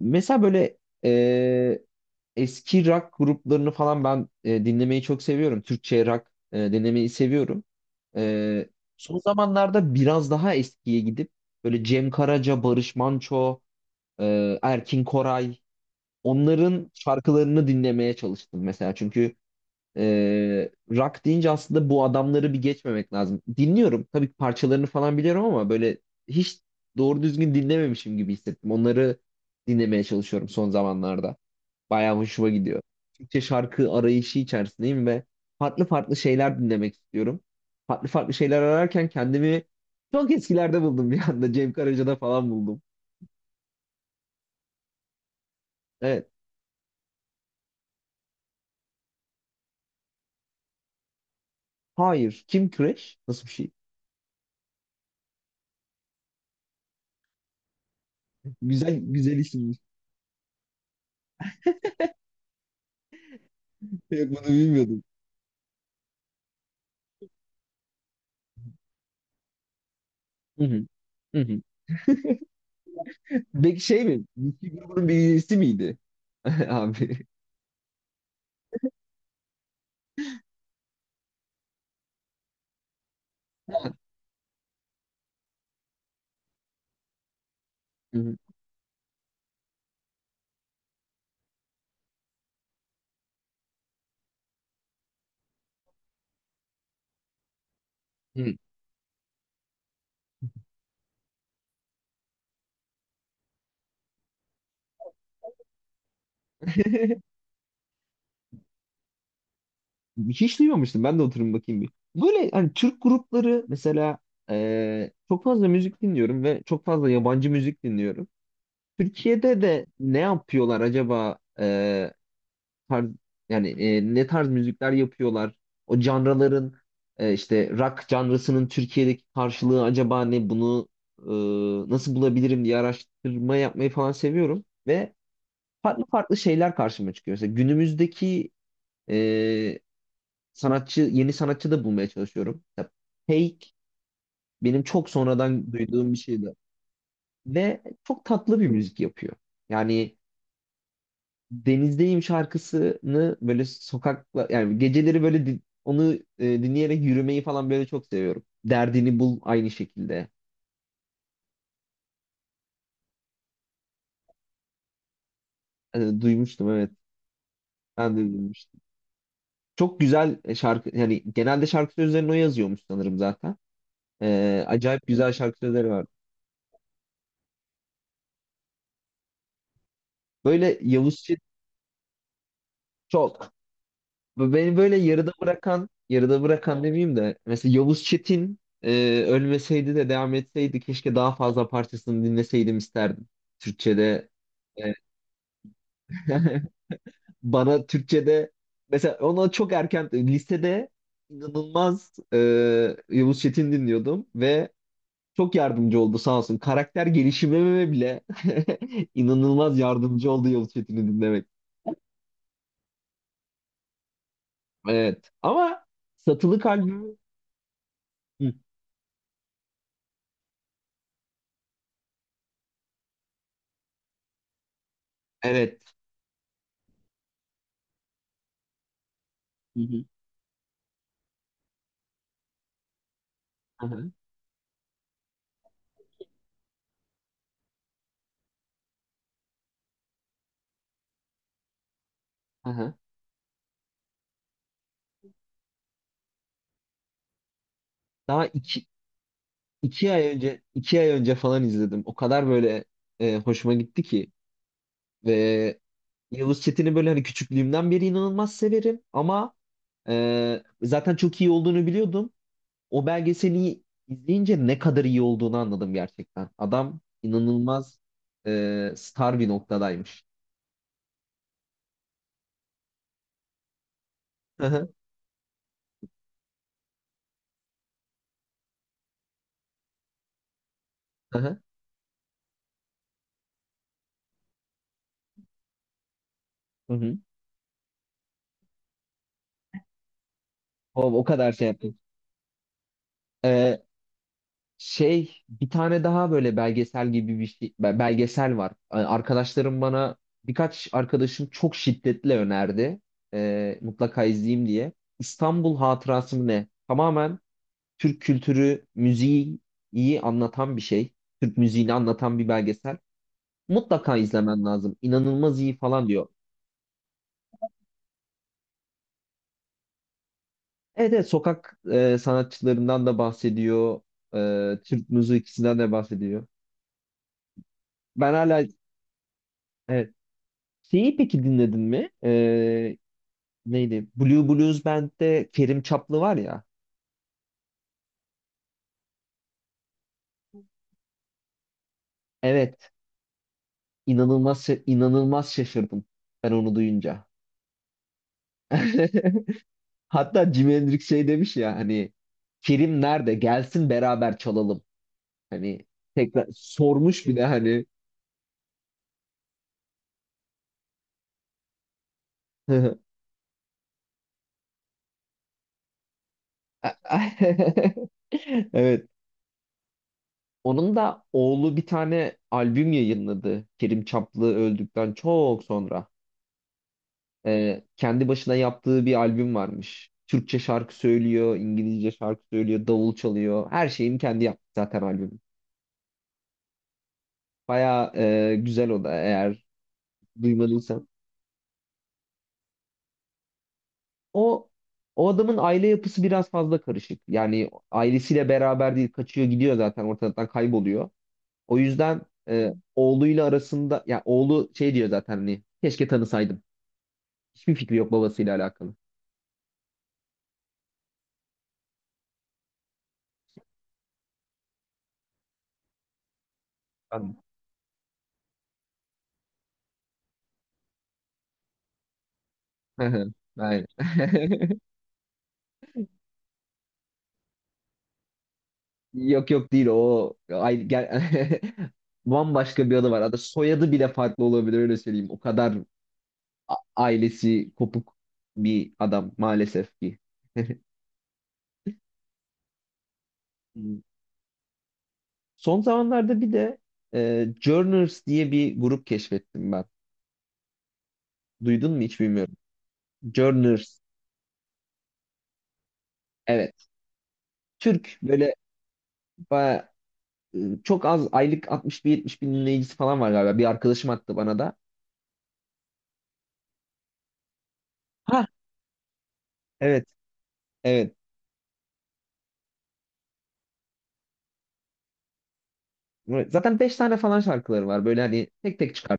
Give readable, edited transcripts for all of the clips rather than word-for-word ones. Mesela böyle e, eski rock gruplarını falan ben dinlemeyi çok seviyorum. Türkçe rock dinlemeyi seviyorum. E, Son zamanlarda biraz daha eskiye gidip böyle Cem Karaca, Barış Manço, Erkin Koray onların şarkılarını dinlemeye çalıştım mesela. Çünkü rock deyince aslında bu adamları bir geçmemek lazım. Dinliyorum. Tabii ki parçalarını falan biliyorum ama böyle hiç doğru düzgün dinlememişim gibi hissettim. Onları dinlemeye çalışıyorum son zamanlarda. Bayağı hoşuma gidiyor. Türkçe şarkı arayışı içerisindeyim ve farklı farklı şeyler dinlemek istiyorum. Farklı farklı şeyler ararken kendimi çok eskilerde buldum bir anda. Cem Karaca'da falan buldum. Evet. Hayır. Kim Crash? Nasıl bir şey? Güzel güzel isim. Yok bunu bilmiyordum. Hı hı. Hı hı. Peki şey mi? Whisky grubunun bir üyesi miydi? Abi. Hı hı. Hiç duymamıştım. Ben de oturum bakayım bir. Böyle hani Türk grupları mesela çok fazla müzik dinliyorum ve çok fazla yabancı müzik dinliyorum. Türkiye'de de ne yapıyorlar acaba tarz, yani ne tarz müzikler yapıyorlar? O canraların işte rock canrasının Türkiye'deki karşılığı acaba ne? Bunu nasıl bulabilirim diye araştırma yapmayı falan seviyorum ve farklı farklı şeyler karşıma çıkıyor. Mesela günümüzdeki e, sanatçı, yeni sanatçı da bulmaya çalışıyorum. Ya, Fake benim çok sonradan duyduğum bir şeydi. Ve çok tatlı bir müzik yapıyor. Yani Denizdeyim şarkısını böyle sokakla yani geceleri böyle onu dinleyerek yürümeyi falan böyle çok seviyorum. Derdini bul aynı şekilde. Duymuştum evet. Ben de duymuştum. Çok güzel şarkı yani genelde şarkı sözlerini o yazıyormuş sanırım zaten. Acayip güzel şarkı sözleri var. Böyle Yavuz Çetin çok. Bu beni böyle yarıda bırakan, yarıda bırakan demeyeyim de mesela Yavuz Çetin ölmeseydi de devam etseydi keşke daha fazla parçasını dinleseydim isterdim. Türkçe'de e, bana Türkçe'de mesela ona çok erken lisede inanılmaz Yavuz Çetin dinliyordum ve çok yardımcı oldu sağ olsun. Karakter gelişimime bile inanılmaz yardımcı oldu Yavuz Çetin'i dinlemek. Evet. Ama satılık albüm. Hı. Evet. Hı hı. Hı hı. Hı hı. Daha iki ay önce falan izledim. O kadar böyle hoşuma gitti ki ve Yavuz Çetin'i böyle hani küçüklüğümden beri inanılmaz severim ama zaten çok iyi olduğunu biliyordum. O belgeseli izleyince ne kadar iyi olduğunu anladım gerçekten. Adam inanılmaz star bir noktadaymış. Hı hı. Hı hı. Hı hı. O kadar şey yaptım. E, Şey bir tane daha böyle belgesel gibi bir şey belgesel var. Yani Arkadaşlarım bana birkaç arkadaşım çok şiddetle önerdi. Mutlaka izleyeyim diye. İstanbul Hatırası mı ne? Tamamen Türk kültürü, müziği iyi anlatan bir şey. Türk müziğini anlatan bir belgesel. Mutlaka izlemen lazım. İnanılmaz iyi falan diyor. Evet, evet sokak sanatçılarından da bahsediyor. Türk müziği ikisinden de bahsediyor. Ben hala evet. Şeyi peki dinledin mi? Neydi? Blue Blues Band'de Kerim Çaplı var ya. Evet, inanılmaz inanılmaz şaşırdım ben onu duyunca. Hatta Jimi Hendrix şey demiş ya hani Kerim nerede? Gelsin beraber çalalım. Hani tekrar sormuş bir de hani. Evet. Onun da oğlu bir tane albüm yayınladı. Kerim Çaplı öldükten çok sonra. Kendi başına yaptığı bir albüm varmış. Türkçe şarkı söylüyor, İngilizce şarkı söylüyor, davul çalıyor. Her şeyini kendi yaptı zaten albüm. Baya güzel o da eğer duymadıysan. O o adamın aile yapısı biraz fazla karışık. Yani ailesiyle beraber değil, kaçıyor gidiyor zaten ortadan kayboluyor. O yüzden oğluyla arasında, ya oğlu şey diyor zaten hani keşke tanısaydım. Hiçbir fikri yok babasıyla alakalı. Anladım. Aynen. Yok yok değil o. Ay, Bambaşka bir adı var. Adı soyadı bile farklı olabilir öyle söyleyeyim. O kadar ailesi kopuk bir adam maalesef ki. Hmm. Son zamanlarda bir de Journers diye bir grup keşfettim ben. Duydun mu hiç bilmiyorum. Journers. Evet. Türk böyle baya- e, çok az aylık 60 bin 70 bin dinleyicisi falan var galiba. Bir arkadaşım attı bana da. Ha evet evet. Zaten beş tane falan şarkıları var. Böyle hani tek tek çıkar.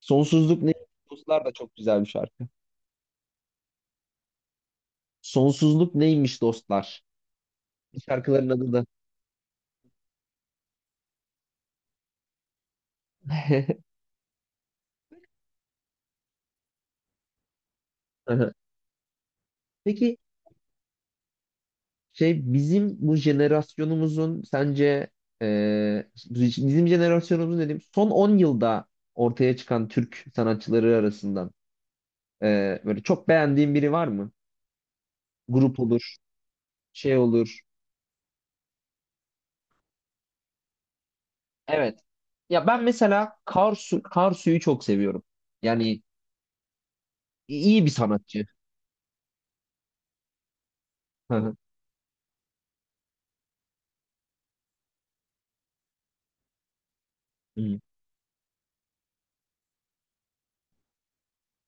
Sonsuzluk neymiş dostlar da çok güzel bir şarkı. Sonsuzluk neymiş dostlar? Şarkıların adı da. Aha. Peki şey bizim bu jenerasyonumuzun sence bizim jenerasyonumuzun dedim son 10 yılda ortaya çıkan Türk sanatçıları arasından böyle çok beğendiğin biri var mı? Grup olur, şey olur. Evet. Ya ben mesela Karsu Karsu'yu çok seviyorum. Yani iyi bir sanatçı. Hı hı. Hı.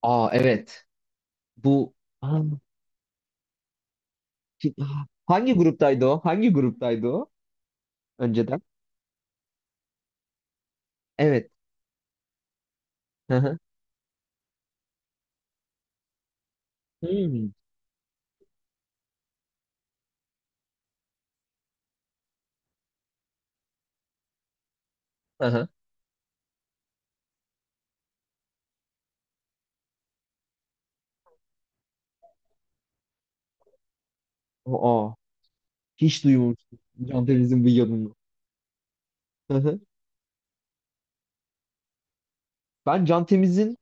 Aa evet. Bu. Aa, Hangi gruptaydı o? Hangi gruptaydı o? Önceden. Evet. Hı hı. Hmm. Hı hı. Aa, hiç duymamıştım. Can Temiz'in bu yanını. Hı hı. Ben Can Temiz'in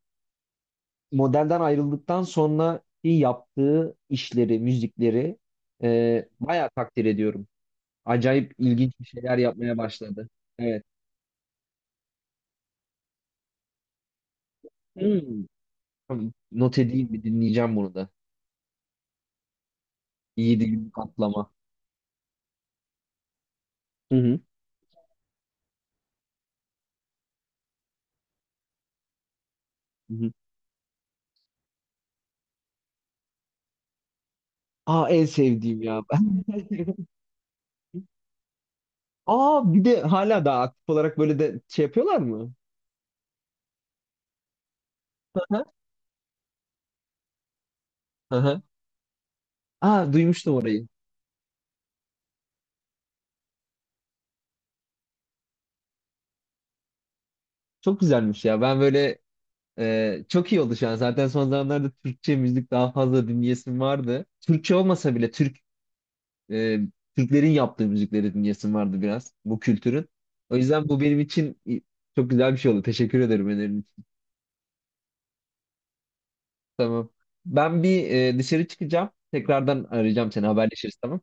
modelden ayrıldıktan sonra yaptığı işleri, müzikleri bayağı takdir ediyorum. Acayip ilginç bir şeyler yapmaya başladı. Evet. Hmm. Tamam, not edeyim bir dinleyeceğim bunu da. 7 günlük atlama. Hı hı. Hı hı. Aa en sevdiğim ya. Aa bir de hala daha aktif olarak böyle de şey yapıyorlar mı? Hı hı. Hı. Aa duymuştum orayı. Çok güzelmiş ya. Ben böyle çok iyi oldu şu an. Zaten son zamanlarda Türkçe müzik daha fazla dinleyesim vardı. Türkçe olmasa bile e, Türklerin yaptığı müzikleri dinleyesim vardı biraz bu kültürün. O yüzden bu benim için çok güzel bir şey oldu. Teşekkür ederim önerin için. Tamam. Ben bir dışarı çıkacağım. Tekrardan arayacağım seni haberleşiriz tamam.